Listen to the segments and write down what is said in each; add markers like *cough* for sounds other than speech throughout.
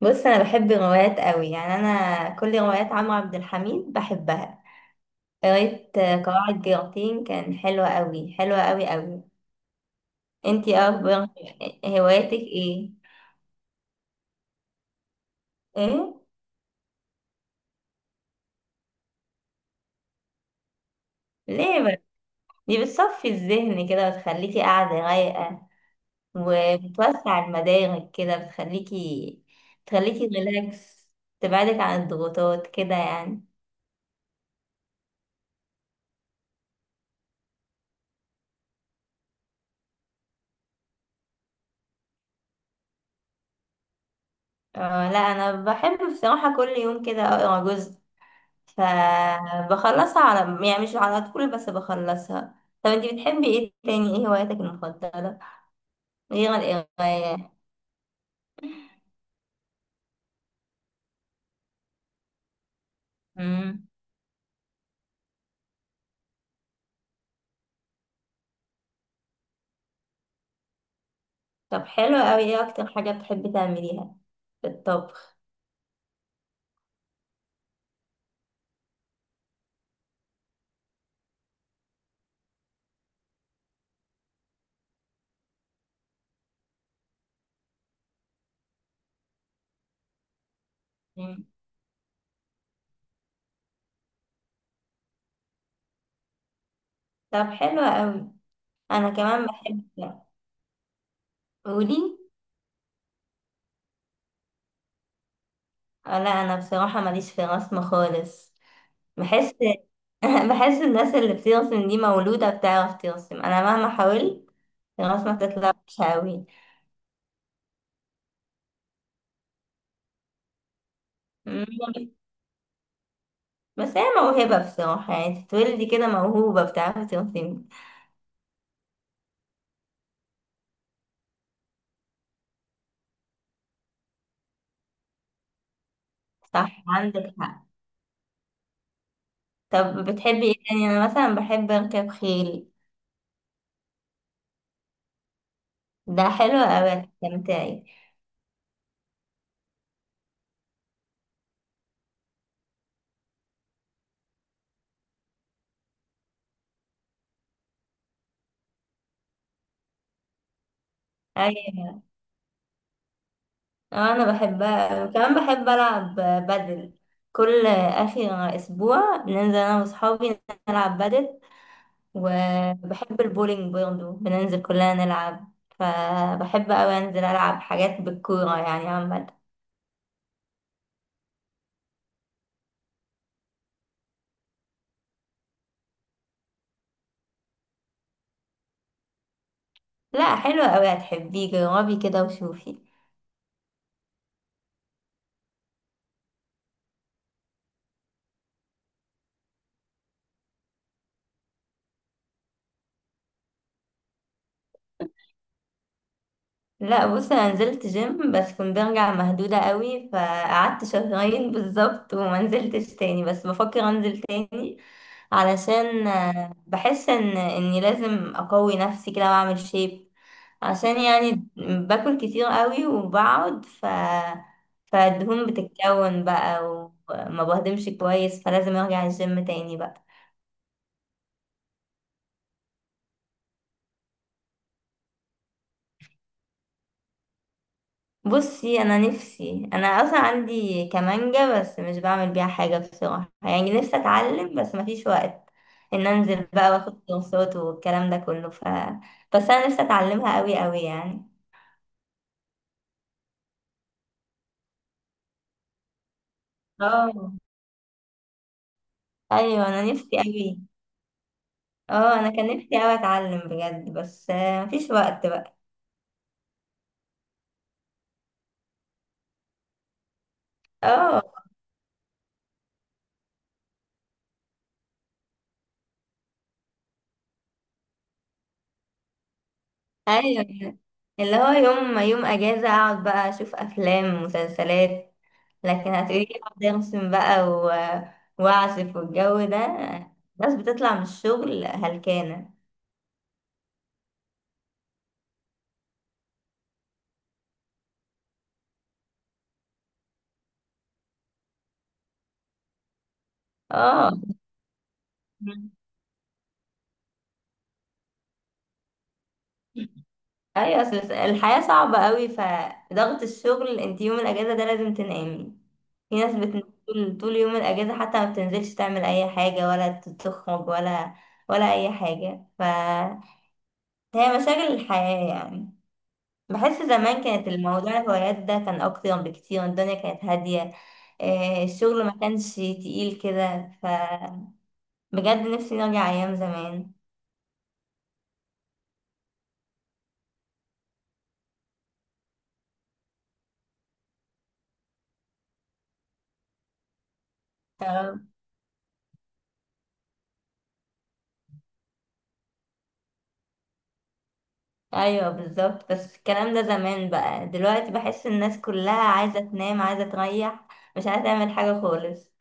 بص انا بحب الروايات قوي، يعني انا كل روايات عمرو عبد الحميد بحبها. قريت قواعد جيرتين، كان حلوة قوي، حلوة قوي قوي. انتي ايه اخبار هواياتك؟ ايه ايه، ليه بقى؟ دي بتصفي الذهن كده وتخليكي قاعدة رايقة وبتوسع المدارك، كده بتخليكي ريلاكس، تبعدك عن الضغوطات كده يعني. اه، لا، انا بحب بصراحة كل يوم كده اقرا جزء، فبخلصها على يعني مش على طول، بس بخلصها. طب انتي بتحبي ايه تاني؟ ايه هواياتك المفضلة غير القراية؟ امم، طب حلو قوي، ايه اكتر حاجة بتحبي تعمليها في الطبخ؟ مم. طب حلو قوي، انا كمان بحب. قولي. لا، انا بصراحة ماليش في الرسم خالص. بحس، *laughs* بحس الناس اللي بترسم دي مولودة بتعرف ترسم، انا مهما حاولت الرسمة بتطلع وحشة قوي. بس هي موهبة بصراحة، يعني تتولدي كده موهوبة بتعرفي ترسمي. صح، عندك حق. طب بتحبي ايه تاني؟ انا مثلا بحب اركب خيل. ده حلو اوي، استمتعي. ايوه. انا بحبها كمان، بحب العب بدل. كل اخر اسبوع بننزل انا واصحابي نلعب بدل، وبحب البولينج برضه بننزل كلنا نلعب. فبحب اوي انزل العب حاجات بالكورة يعني عامة. لا، حلوة اوي، هتحبيه، جربي كده وشوفي. لا بص، انا نزلت جيم بس كنت برجع مهدودة قوي، فقعدت شهرين *laughs* بالظبط وما نزلتش تاني، بس بفكر انزل تاني علشان بحس ان اني لازم اقوي نفسي كده واعمل شيب، عشان يعني باكل كتير قوي وبقعد ف فالدهون بتتكون بقى، وما بهضمش كويس، فلازم ارجع الجيم تاني بقى. بصي انا نفسي، اصلا عندي كمانجة بس مش بعمل بيها حاجة بصراحة، يعني نفسي اتعلم بس مفيش وقت ان انزل بقى واخد كورسات والكلام ده كله، ف بس انا نفسي اتعلمها قوي قوي يعني. اه، ايوه انا نفسي قوي. اه، انا كان نفسي قوي اتعلم بجد بس مفيش وقت بقى. اه، ايوه، اللي هو يوم يوم اجازه اقعد بقى اشوف افلام ومسلسلات، لكن هتقولي لي اقعد ارسم بقى و... واعزف والجو ده، ناس بتطلع من الشغل هلكانه. اه، ايوه، اصل الحياه صعبه قوي، فضغط الشغل، انت يوم الاجازه ده لازم تنامي. في ناس بت... طول يوم الاجازه حتى ما بتنزلش تعمل اي حاجه ولا تخرج ولا ولا اي حاجه، فهي مشاغل الحياه يعني. بحس زمان كانت الموضوع الهوايات ده كان أكتر بكتير، الدنيا كانت هادية، الشغل ما كانش تقيل كده، ف بجد نفسي نرجع أيام زمان. آه، أيوه بالظبط، بس الكلام ده زمان بقى، دلوقتي بحس الناس كلها عايزة تنام، عايزة تريح، مش عايزة تعمل حاجة خالص.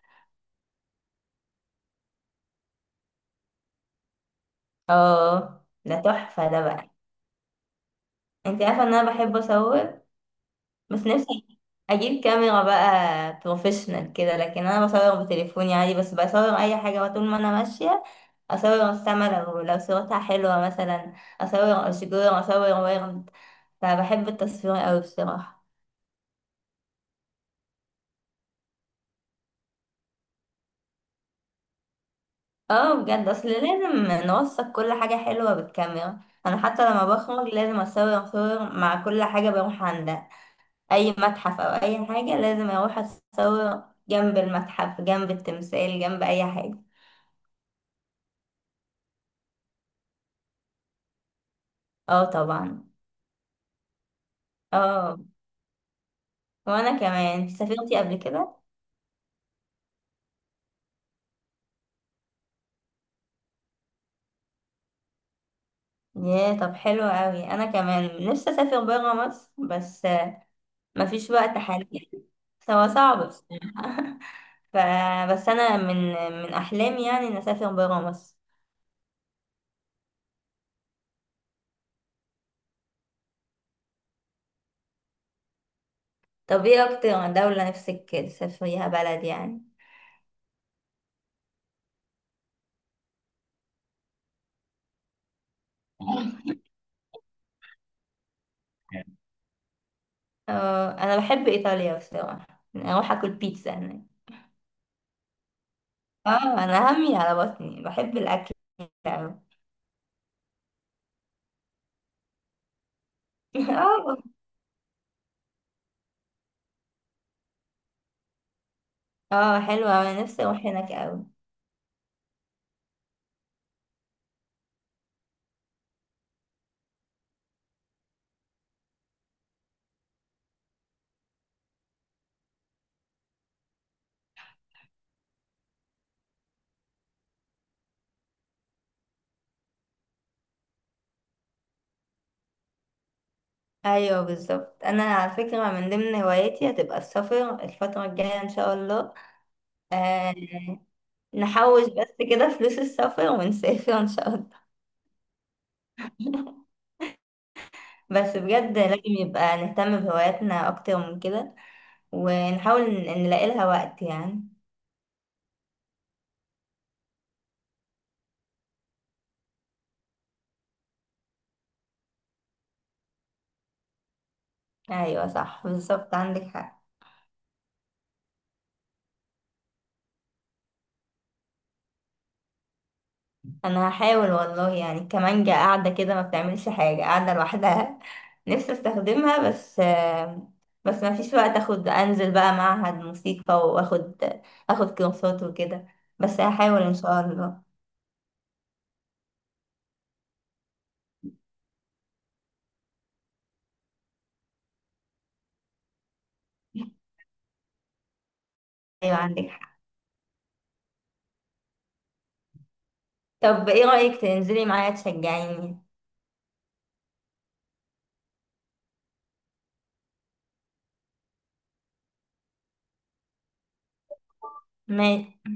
اه، ده تحفة ده بقى، انت عارفة ان انا بحب اصور، بس نفسي اجيب كاميرا بقى بروفيشنال كده، لكن انا بصور بتليفوني عادي بس. بصور اي حاجه بقى طول ما انا ماشيه، اصور السما لو صورتها حلوه مثلا، اصور اشجار، اصور ورد. فبحب التصوير قوي بصراحه. اه بجد، اصل لازم نوثق كل حاجه حلوه بالكاميرا. انا حتى لما بخرج لازم اصور صور مع كل حاجه بروح عندها، اي متحف او اي حاجه لازم اروح اصور جنب المتحف، جنب التمثال، جنب اي حاجه. اه طبعا. اه، وانا كمان. انت سافرتي قبل كده؟ ياه، طب حلو قوي، انا كمان نفسي اسافر بره مصر بس مفيش وقت حاليا. هو صعب بس ف... بس انا من من احلامي يعني ان اسافر بره مصر. طب ايه اكتر دولة نفسك تسافريها بلد يعني؟ اه، انا بحب ايطاليا بصراحة، اروح اكل بيتزا هناك. اه، انا همي على بطني، بحب الاكل أوي. *laughs* اه. اه، حلوة أوي، انا نفسي اروح هناك أوي. ايوه بالظبط، انا على فكره من ضمن هواياتي هتبقى السفر الفتره الجايه ان شاء الله. آه، نحوش بس كده فلوس السفر ونسافر ان شاء الله. *laughs* بس بجد لازم يبقى نهتم بهواياتنا اكتر من كده، ونحاول نلاقي لها وقت يعني. ايوه صح بالظبط، عندك حق. انا هحاول والله، يعني كمانجا قاعده كده ما بتعملش حاجه، قاعده لوحدها *laughs* نفسي استخدمها، بس بس ما فيش وقت اخد انزل بقى معهد موسيقى واخد كورسات وكده، بس هحاول ان شاء الله. ايوه عندك حق. طب ايه رايك تنزلي معايا تشجعيني؟ ماشي.